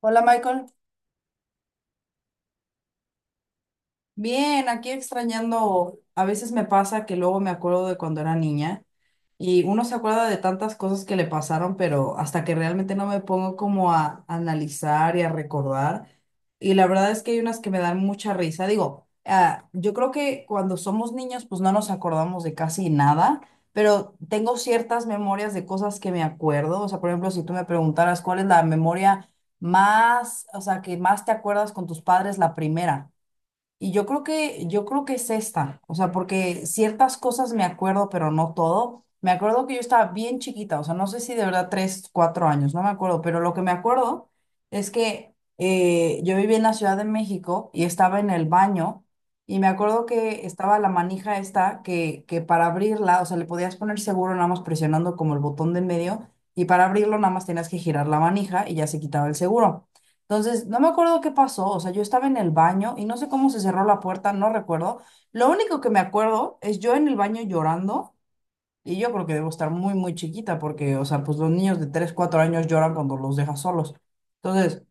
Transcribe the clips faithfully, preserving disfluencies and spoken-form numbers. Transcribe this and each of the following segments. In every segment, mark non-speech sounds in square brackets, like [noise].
Hola Michael. Bien, aquí extrañando, a veces me pasa que luego me acuerdo de cuando era niña y uno se acuerda de tantas cosas que le pasaron, pero hasta que realmente no me pongo como a analizar y a recordar. Y la verdad es que hay unas que me dan mucha risa. Digo, ah, yo creo que cuando somos niños pues no nos acordamos de casi nada, pero tengo ciertas memorias de cosas que me acuerdo. O sea, por ejemplo, si tú me preguntaras cuál es la memoria más, o sea, que más te acuerdas con tus padres, la primera. Y yo creo que, yo creo que es esta, o sea, porque ciertas cosas me acuerdo, pero no todo. Me acuerdo que yo estaba bien chiquita, o sea, no sé si de verdad tres, cuatro años, no me acuerdo, pero lo que me acuerdo es que eh, yo vivía en la Ciudad de México y estaba en el baño y me acuerdo que estaba la manija esta que, que para abrirla, o sea, le podías poner seguro nada más presionando como el botón de en medio y para abrirlo nada más tenías que girar la manija y ya se quitaba el seguro. Entonces, no me acuerdo qué pasó, o sea, yo estaba en el baño y no sé cómo se cerró la puerta, no recuerdo. Lo único que me acuerdo es yo en el baño llorando y yo creo que debo estar muy, muy chiquita porque, o sea, pues los niños de tres cuatro años lloran cuando los dejas solos. Entonces,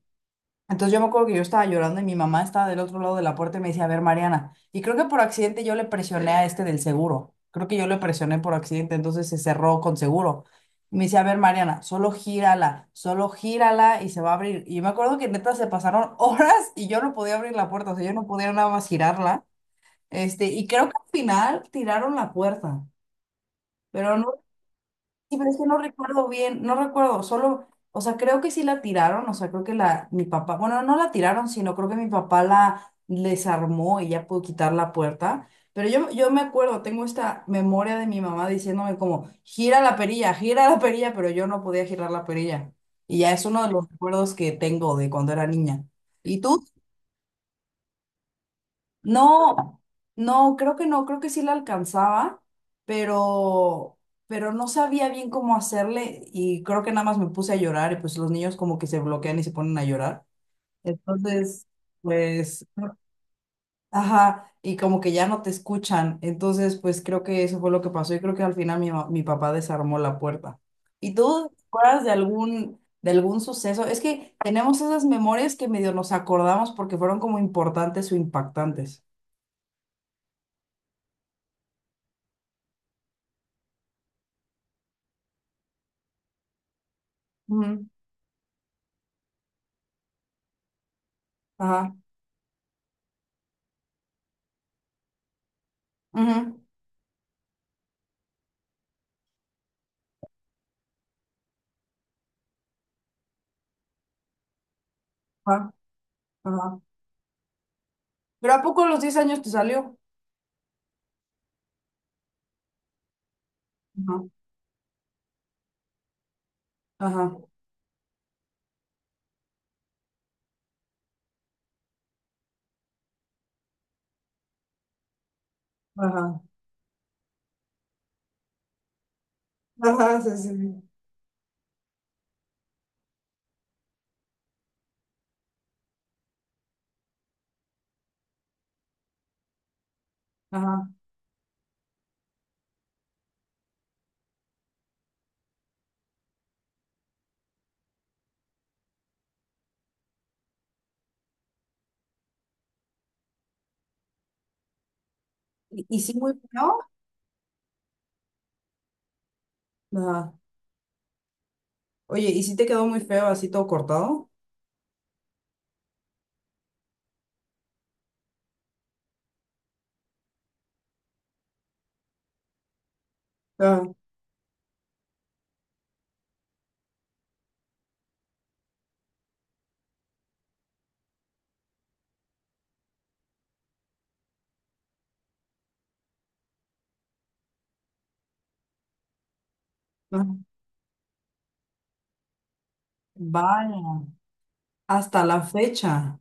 entonces yo me acuerdo que yo estaba llorando y mi mamá estaba del otro lado de la puerta y me decía, a ver, Mariana, y creo que por accidente yo le presioné a este del seguro, creo que yo le presioné por accidente, entonces se cerró con seguro. Y me decía, a ver, Mariana, solo gírala, solo gírala y se va a abrir. Y me acuerdo que neta se pasaron [laughs] horas y yo no podía abrir la puerta, o sea, yo no podía nada más girarla. Este, y creo que al final tiraron la puerta, pero no. Sí, pero es que no recuerdo bien, no recuerdo, solo, o sea, creo que sí la tiraron, o sea, creo que la, mi papá, bueno, no la tiraron, sino creo que mi papá la desarmó y ya pudo quitar la puerta, pero yo, yo me acuerdo, tengo esta memoria de mi mamá diciéndome como, gira la perilla, gira la perilla, pero yo no podía girar la perilla, y ya es uno de los recuerdos que tengo de cuando era niña. ¿Y tú? No, no, creo que no, creo que sí la alcanzaba, pero, pero no sabía bien cómo hacerle y creo que nada más me puse a llorar y pues los niños como que se bloquean y se ponen a llorar. Entonces, pues, ajá, y como que ya no te escuchan. Entonces, pues creo que eso fue lo que pasó y creo que al final mi, ma- mi papá desarmó la puerta. ¿Y tú te acuerdas de algún, de algún suceso? Es que tenemos esas memorias que medio nos acordamos porque fueron como importantes o impactantes. Ajá, ujú, ajá, ajá. ¿Pero a poco a los diez años te salió? Ajá, ajá, ajá, ajá, sí, sí, sí, ajá. ¿Y, y sí muy feo? Ajá. Oye, ¿y sí te quedó muy feo así todo cortado? Ajá, ajá. Vaya, hasta la fecha.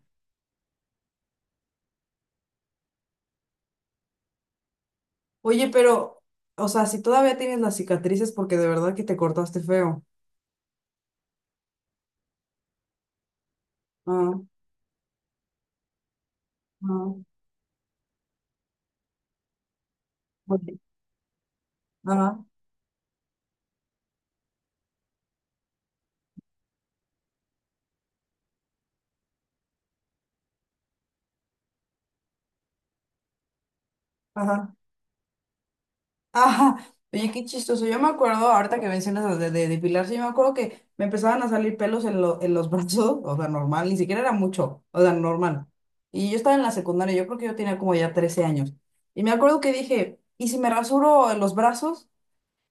Oye, pero, o sea, si todavía tienes las cicatrices porque de verdad que te cortaste feo. Ajá, ajá, oye, ajá, ajá. Ajá, oye, qué chistoso. Yo me acuerdo, ahorita que mencionas lo de, de depilarse, yo me acuerdo que me empezaban a salir pelos en, lo- en los [laughs] brazos, o sea, normal, ni siquiera era mucho, o sea, normal. Y yo estaba en la secundaria, yo creo que yo tenía como ya trece años. Y me acuerdo que dije, ¿y si me rasuro en los brazos?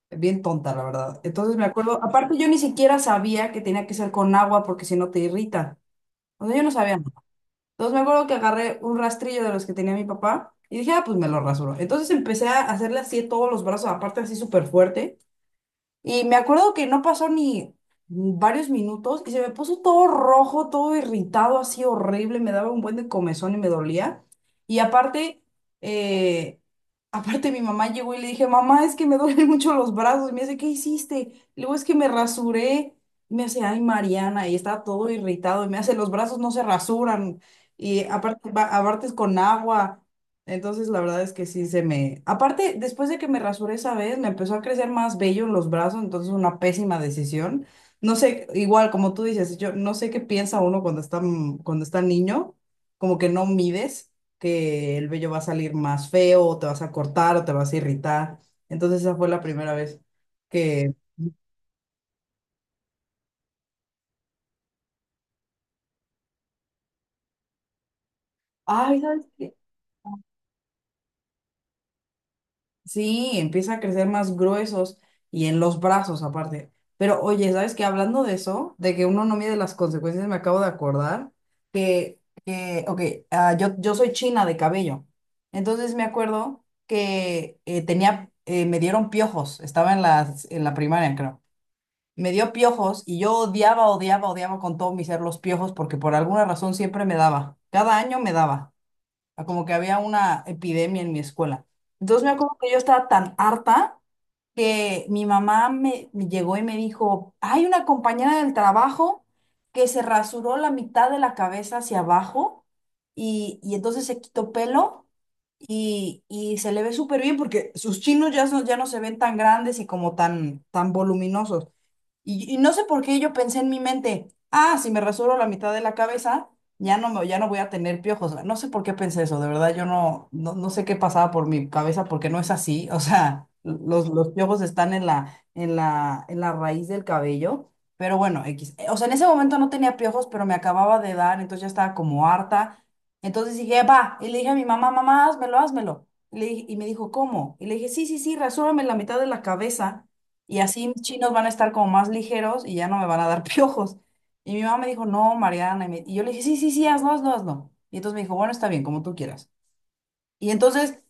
Bien tonta, la verdad. Entonces me acuerdo, aparte yo ni siquiera sabía que tenía que ser con agua porque si no te irrita. O sea, yo no sabía. Entonces me acuerdo que agarré un rastrillo de los que tenía mi papá y dije, ah, pues me lo rasuro. Entonces empecé a hacerle así todos los brazos, aparte así súper fuerte. Y me acuerdo que no pasó ni varios minutos y se me puso todo rojo, todo irritado, así horrible, me daba un buen de comezón y me dolía. Y aparte, eh, aparte mi mamá llegó y le dije, mamá, es que me [laughs] duelen mucho los brazos. Y me dice, ¿qué hiciste? Y luego es que me rasuré. Y me hace, ay, Mariana, y está todo irritado. Y me hace, los brazos no se rasuran. Y aparte, ba- aparte es con agua. Entonces, la verdad es que sí se me... Aparte, después de que me rasuré esa vez, me empezó a crecer más vello en los brazos, entonces una pésima decisión. No sé, igual como tú dices, yo no sé qué piensa uno cuando está, m- cuando está niño, como que no mides que el vello va a salir más feo, o te vas a cortar, o te vas a irritar. Entonces, esa fue la primera vez que... Ay, ¿sabes qué? Sí, empieza a crecer más gruesos y en los brazos aparte. Pero oye, ¿sabes qué? Hablando de eso, de que uno no mide las consecuencias, me acabo de acordar que, que ok, ah, yo, yo soy china de cabello. Entonces me acuerdo que eh, tenía, eh, me dieron piojos, estaba en la, en la primaria, creo. Me dio piojos y yo odiaba, odiaba, odiaba con todo mi ser los piojos porque por alguna razón siempre me daba. Cada año me daba a como que había una epidemia en mi escuela. Entonces me acuerdo que yo estaba tan harta que mi mamá me, me llegó y me dijo, hay una compañera del trabajo que se rasuró la mitad de la cabeza hacia abajo y, y entonces se quitó pelo y, y se le ve súper bien porque sus chinos ya, son- ya no se ven tan grandes y como tan, tan voluminosos. Y, y no sé por qué yo pensé en mi mente, ah, si me rasuro la mitad de la cabeza, ya no me, ya no voy a tener piojos. No sé por qué pensé eso, de verdad, yo no, no, no sé qué pasaba por mi cabeza porque no es así. O sea, los, los piojos están en la, en la, en la raíz del cabello. Pero bueno, X. O sea, en ese momento no tenía piojos, pero me acababa de dar, entonces ya estaba como harta. Entonces dije, va, y le dije a mi mamá, mamá, házmelo, házmelo. Y, le dije- y me dijo, ¿cómo? Y le dije, sí, sí, sí, rasúrame la mitad de la cabeza. Y así mis chinos van a estar como más ligeros y ya no me van a dar [laughs] piojos. Y mi mamá me dijo, no, Mariana. Y, me- y yo le dije, sí, sí, sí, hazlo, hazlo, hazlo. Y entonces me dijo, bueno, está bien, como tú quieras. Y entonces,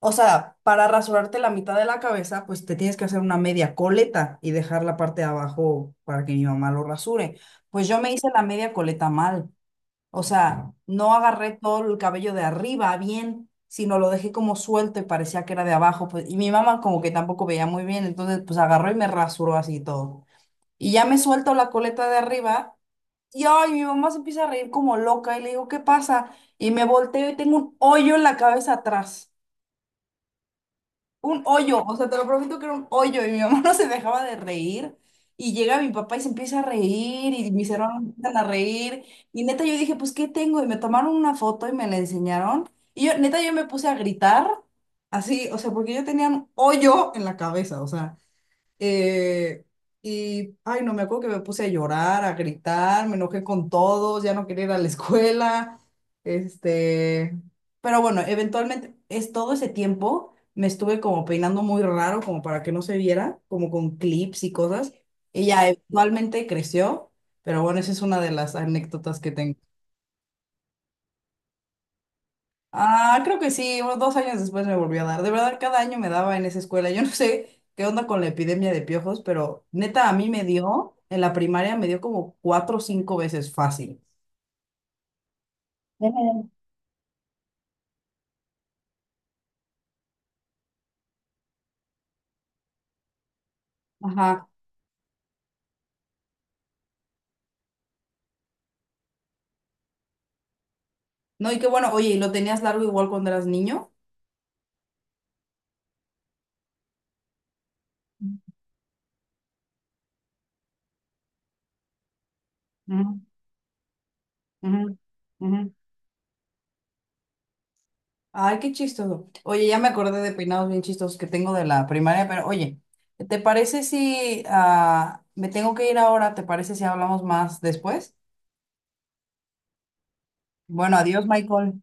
o sea, para rasurarte la mitad de la cabeza, pues te tienes que hacer una media coleta y dejar la parte de abajo para que mi mamá lo rasure. Pues yo me hice la media coleta mal. O sea, no agarré todo el cabello de arriba bien, sino lo dejé como suelto y parecía que era de abajo. Pues, y mi mamá como que tampoco veía muy bien, entonces pues agarró y me rasuró así todo. Y ya me suelto la coleta de arriba y ay, mi mamá se empieza a reír como loca y le digo, ¿qué pasa? Y me volteo y tengo un hoyo en la cabeza atrás, un hoyo, o sea, te lo prometo que era un hoyo y mi mamá [laughs] no se dejaba de reír y llega mi papá y se empieza a reír y mis hermanos empiezan a reír y neta yo dije, pues, ¿qué tengo? Y me tomaron una foto y me la enseñaron y yo, neta yo me puse a gritar así, o sea, porque yo tenía un hoyo en la cabeza, o sea. Eh, y, ay, no me acuerdo que me puse a llorar, a gritar, me enojé con todos, ya no quería ir a la [laughs] escuela. Este, pero bueno, eventualmente es todo ese tiempo me estuve como peinando muy raro, como para que no se viera, como con clips y cosas. Y ya eventualmente creció, pero bueno, esa es una de las anécdotas que tengo. Ah, creo que sí, unos dos años después me volvió a dar. De verdad, cada año me daba en esa escuela. Yo [laughs] no sé qué onda con la epidemia de piojos, pero neta, a mí me dio, en la primaria me dio como cuatro o cinco veces fácil. Ujú. Ajá. No, y qué bueno, oye, ¿y lo tenías largo igual cuando eras niño? Ujú, ujú, ujú. Ay, qué chistoso. Oye, ya me acordé de peinados bien chistosos que tengo de la primaria, pero oye, ¿te parece si ah, me tengo que ir ahora? ¿Te parece si hablamos más después? Bueno, adiós, Michael.